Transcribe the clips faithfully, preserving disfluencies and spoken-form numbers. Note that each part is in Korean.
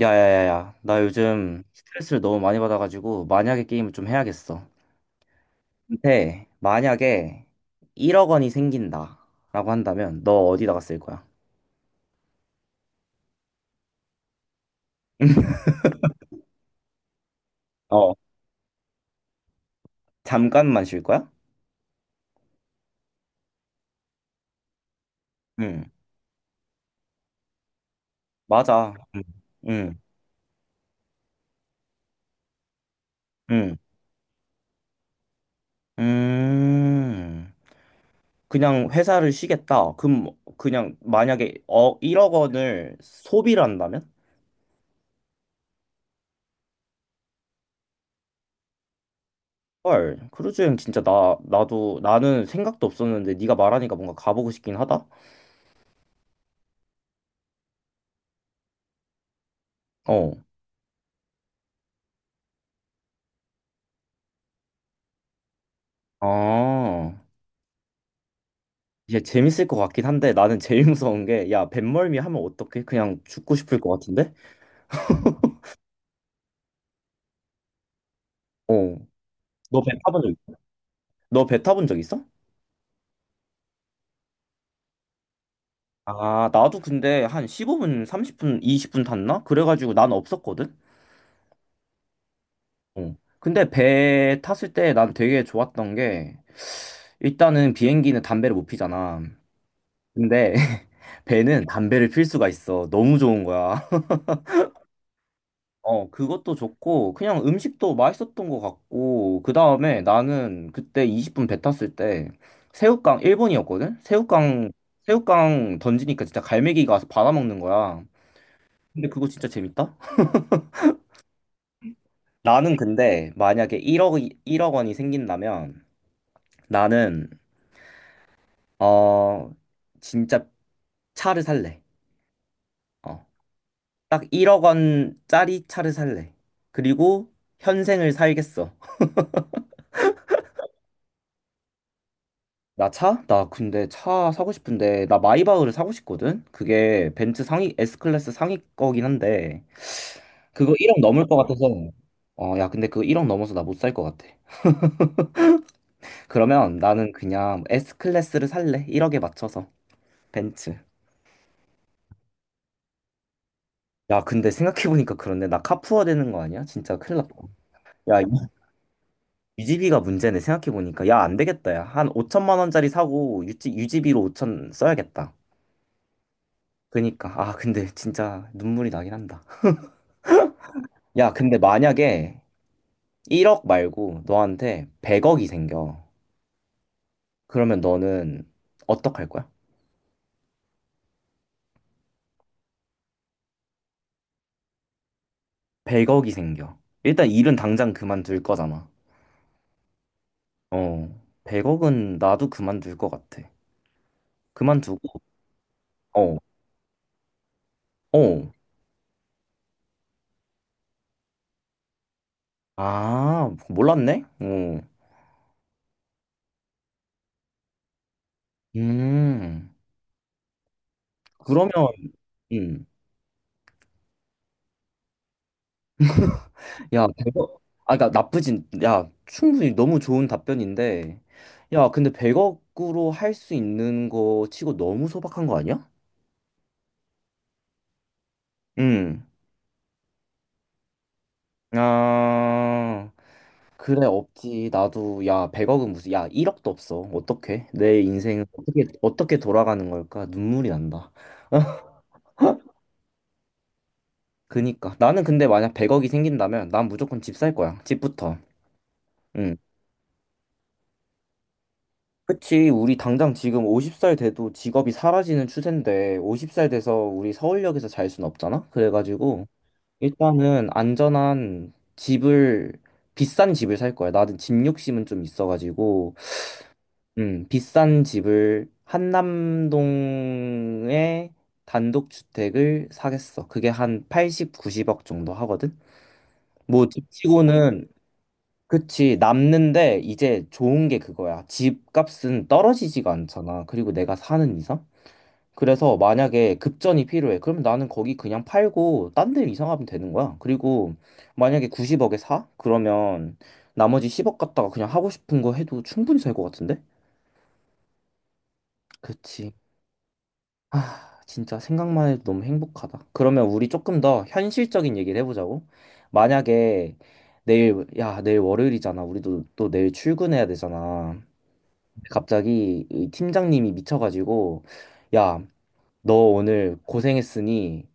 야야야야, 나 요즘 스트레스를 너무 많이 받아가지고 만약에 게임을 좀 해야겠어. 근데 만약에 일억 원이 생긴다라고 한다면 너 어디다가 쓸 거야? 어. 잠깐만 쉴 거야? 응, 맞아. 응, 응, 응. 음, 그냥 회사를 쉬겠다. 그럼 뭐 그냥 만약에 어 일억 원을 소비를 한다면? 헐, 크루즈 여행 진짜 나 나도 나는 생각도 없었는데 네가 말하니까 뭔가 가보고 싶긴 하다. 어. 아, 이게 재밌을 것 같긴 한데 나는 제일 무서운 게, 야, 뱃멀미 하면 어떡해? 그냥 죽고 싶을 것 같은데? 어. 너 배 타본 적 있어? 너 배 타본 적 있어? 아, 나도 근데 한 십오 분, 삼십 분, 이십 분 탔나? 그래가지고 난 없었거든? 어. 근데 배 탔을 때 난 되게 좋았던 게, 일단은 비행기는 담배를 못 피잖아. 근데 배는 담배를 필 수가 있어. 너무 좋은 거야. 어, 그것도 좋고, 그냥 음식도 맛있었던 것 같고, 그 다음에 나는 그때 이십 분 배 탔을 때, 새우깡, 일본이었거든? 새우깡, 새우깡 던지니까 진짜 갈매기가 와서 받아먹는 거야. 근데 그거 진짜 재밌다? 나는 근데 만약에 일억, 일억 원이 생긴다면, 나는, 어, 진짜 차를 살래. 어, 딱 일억 원짜리 차를 살래. 그리고 현생을 살겠어. 나 차? 나 근데 차 사고 싶은데 나 마이바흐를 사고 싶거든? 그게 벤츠 상위 S클래스 상위 거긴 한데 그거 일억 넘을 것 같아서 어 야 근데 그거 일억 넘어서 나 못 살 것 같아. 그러면 나는 그냥 S클래스를 살래. 일억에 맞춰서 벤츠. 야 근데 생각해보니까 그런데 나 카푸어 되는 거 아니야? 진짜 큰일 났다. 야 유- 유지비가 문제네, 생각해보니까. 야 안 되겠다. 야 한 오천만 원짜리 사고 유지, 유지비로 오천 써야겠다. 그니까 아 근데 진짜 눈물이 나긴 한다. 야 근데 만약에 일억 말고 너한테 백억이 생겨. 그러면 너는 어떡할 거야? 백억이 생겨. 일단 일은 당장 그만둘 거잖아. 어. 백억은 나도 그만둘 것 같아. 그만두고, 어, 어. 아, 몰랐네? 어. 음. 그러면, 음. 야, 백억. 아, 그니까 나쁘진, 야, 충분히 너무 좋은 답변인데. 야, 근데 백억으로 할 수 있는 거 치고 너무 소박한 거 아니야? 음. 아, 그래, 없지. 나도, 야, 백억은 무슨, 야, 일억도 없어. 어떡해? 내 인생은 어떻게, 어떻게 돌아가는 걸까? 눈물이 난다. 그니까. 나는 근데 만약 백억이 생긴다면 난 무조건 집 살 거야. 집부터. 응. 그치. 우리 당장 지금 오십 살 돼도 직업이 사라지는 추세인데 오십 살 돼서 우리 서울역에서 잘 순 없잖아? 그래가지고 일단은 안전한 집을, 비싼 집을 살 거야. 나는 집 욕심은 좀 있어가지고 음, 비싼 집을 한남동에 단독주택을 사겠어. 그게 한 팔십, 구십억 정도 하거든. 뭐 집치고는. 그치 남는데, 이제 좋은 게 그거야. 집값은 떨어지지가 않잖아. 그리고 내가 사는 이상. 그래서 만약에 급전이 필요해. 그러면 나는 거기 그냥 팔고 딴 데 이사하면 되는 거야. 그리고 만약에 구십억에 사? 그러면 나머지 십억 갖다가 그냥 하고 싶은 거 해도 충분히 살 것 같은데? 그치. 아, 진짜 생각만 해도 너무 행복하다. 그러면 우리 조금 더 현실적인 얘기를 해보자고. 만약에 내일, 야, 내일 월요일이잖아. 우리도 또 내일 출근해야 되잖아. 갑자기 이 팀장님이 미쳐가지고, 야, 너 오늘 고생했으니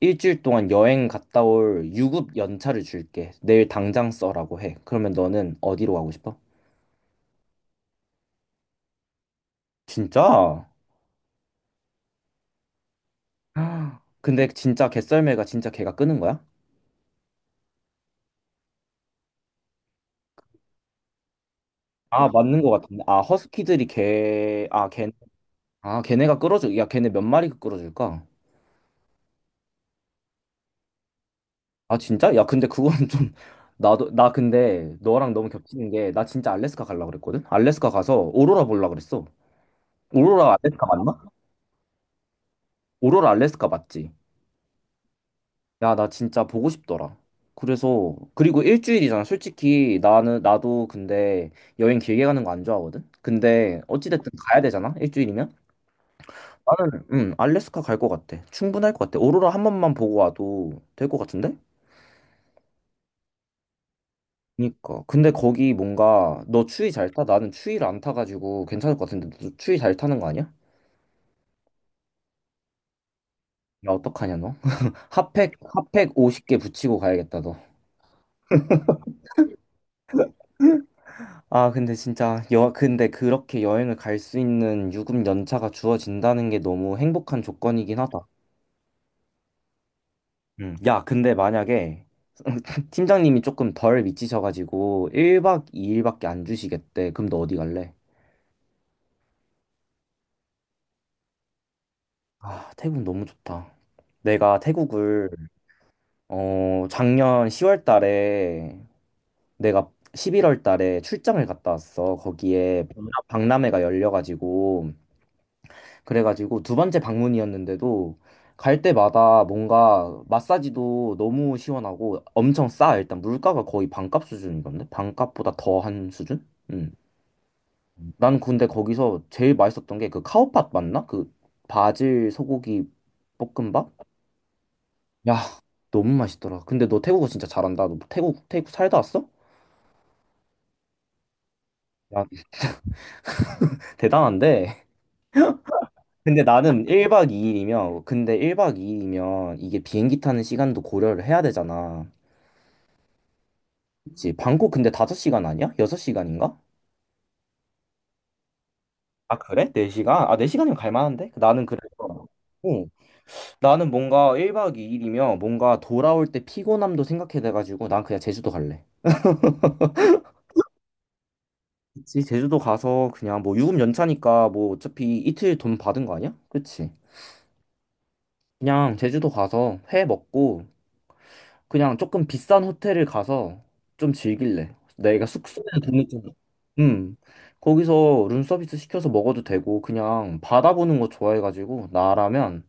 일주일 동안 여행 갔다 올 유급 연차를 줄게. 내일 당장 써라고 해. 그러면 너는 어디로 가고 싶어? 진짜? 근데 진짜 개썰매가 진짜 걔가 끄는 거야? 아, 맞는 것 같은데. 아, 허스키들이 걔, 아, 걔, 아, 걔네가 끌어줄, 야, 걔네 몇 마리 끌어줄까? 아, 진짜? 야, 근데 그거는 좀, 나도, 나 근데 너랑 너무 겹치는 게, 나 진짜 알래스카 가려고 그랬거든? 알래스카 가서 오로라 보려고 그랬어. 오로라 알래스카 맞나? 오로라 알래스카 맞지? 야, 나 진짜 보고 싶더라. 그래서, 그리고 일주일이잖아. 솔직히 나는, 나도 근데 여행 길게 가는 거 안 좋아하거든? 근데 어찌됐든 가야 되잖아? 일주일이면? 나는 음, 알래스카 갈 것 같아. 충분할 것 같아. 오로라 한 번만 보고 와도 될 것 같은데? 그니까. 근데 거기 뭔가 너 추위 잘 타? 나는 추위를 안 타가지고 괜찮을 것 같은데 너 추위 잘 타는 거 아니야? 야 어떡하냐 너? 핫팩 핫팩 오십 개 붙이고 가야겠다 너. 아 근데 진짜 여 근데 그렇게 여행을 갈 수 있는 유급 연차가 주어진다는 게 너무 행복한 조건이긴 하다. 음. 야 근데 만약에 팀장님이 조금 덜 미치셔가지고 일 박 이 일밖에 안 주시겠대. 그럼 너 어디 갈래? 아, 태국 너무 좋다. 내가 태국을 어, 작년 시월 달에, 내가 십일월 달에 출장을 갔다 왔어. 거기에 박람- 박람회가 열려가지고 그래가지고 두 번째 방문이었는데도 갈 때마다 뭔가 마사지도 너무 시원하고 엄청 싸. 일단 물가가 거의 반값 수준이던데 반값보다 더한 수준? 음. 난 근데 거기서 제일 맛있었던 게 그 카오팟 맞나? 그 바질 소고기 볶음밥? 야, 너무 맛있더라. 근데 너 태국어 진짜 잘한다. 너 태국, 태국 살다 왔어? 야, 대단한데? 근데 나는 일 박 이 일이면, 근데 일 박 이 일이면 이게 비행기 타는 시간도 고려를 해야 되잖아. 그치? 방콕 근데 다섯 시간 아니야? 여섯 시간인가? 아, 그래? 네 시간? 아, 네 시간이면 갈 만한데? 나는 그래서, 어, 나는 뭔가 일 박 이 일이면 뭔가 돌아올 때 피곤함도 생각해 돼가지고 난 그냥 제주도 갈래. 그치? 제주도 가서 그냥 뭐 유급 연차니까 뭐 어차피 이틀 돈 받은 거 아니야? 그치? 그냥 제주도 가서 회 먹고 그냥 조금 비싼 호텔을 가서 좀 즐길래. 내가 숙소에는 돈을 좀, 음, 거기서 룸서비스 시켜서 먹어도 되고 그냥 바다 보는 거 좋아해가지고 나라면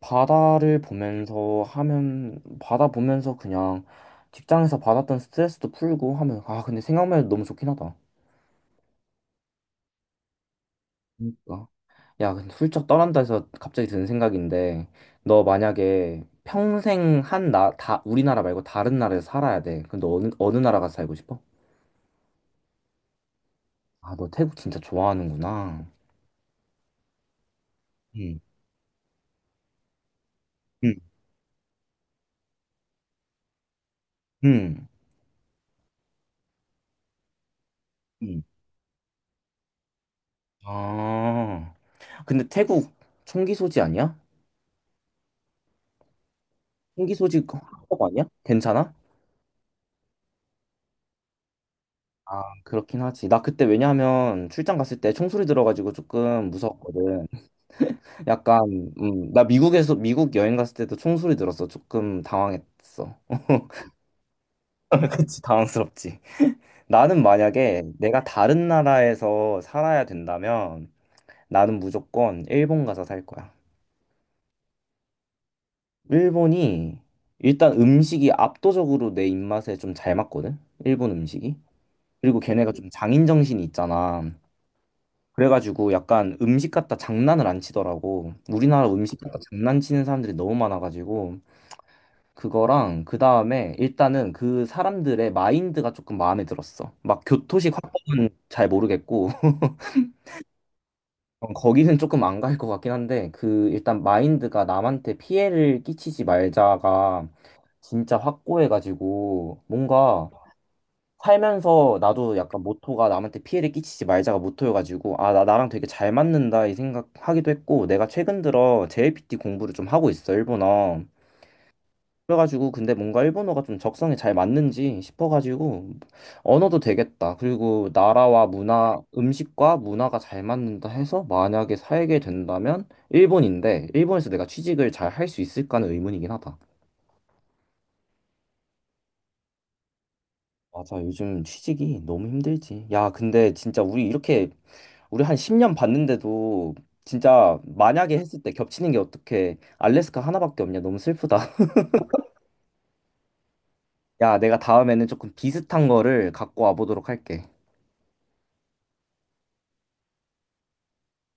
바다를 보면서 하면, 바다 보면서 그냥 직장에서 받았던 스트레스도 풀고 하면. 아 근데 생각만 해도 너무 좋긴 하다. 그러니까. 야, 근데 훌쩍 떠난다 해서 갑자기 드는 생각인데, 너 만약에 평생 한 나, 다, 우리나라 말고 다른 나라에서 살아야 돼. 그럼 너 어느, 어느 나라 가서 살고 싶어? 아, 너 태국 진짜 좋아하는구나. 응, 응, 응, 응. 아, 근데 태국 총기 소지 아니야? 총기 소지 합법 아니야? 괜찮아? 아, 그렇긴 하지. 나 그때 왜냐하면 출장 갔을 때 총소리 들어가지고 조금 무서웠거든. 약간 음, 나 미국에서 미국 여행 갔을 때도 총소리 들었어. 조금 당황했어. 그치, 당황스럽지. 나는 만약에 내가 다른 나라에서 살아야 된다면 나는 무조건 일본 가서 살 거야. 일본이 일단 음식이 압도적으로 내 입맛에 좀 잘 맞거든? 일본 음식이. 그리고 걔네가 좀 장인정신이 있잖아. 그래가지고 약간 음식 갖다 장난을 안 치더라고. 우리나라 음식 갖다 장난치는 사람들이 너무 많아가지고 그거랑 그 다음에 일단은 그 사람들의 마인드가 조금 마음에 들었어. 막 교토식 화법은 잘 모르겠고 거기는 조금 안 갈 것 같긴 한데 그 일단 마인드가 남한테 피해를 끼치지 말자가 진짜 확고해가지고 뭔가 살면서. 나도 약간 모토가 남한테 피해를 끼치지 말자가 모토여가지고 아 나 나랑 되게 잘 맞는다 이 생각하기도 했고. 내가 최근 들어 제이엘피티 공부를 좀 하고 있어, 일본어. 그래가지고 근데 뭔가 일본어가 좀 적성에 잘 맞는지 싶어가지고 언어도 되겠다. 그리고 나라와 문화, 음식과 문화가 잘 맞는다 해서 만약에 살게 된다면 일본인데 일본에서 내가 취직을 잘 할 수 있을까는 의문이긴 하다. 맞아, 요즘 취직이 너무 힘들지. 야, 근데 진짜 우리 이렇게 우리 한 십 년 봤는데도 진짜 만약에 했을 때 겹치는 게 어떻게 알래스카 하나밖에 없냐. 너무 슬프다. 야, 내가 다음에는 조금 비슷한 거를 갖고 와보도록 할게.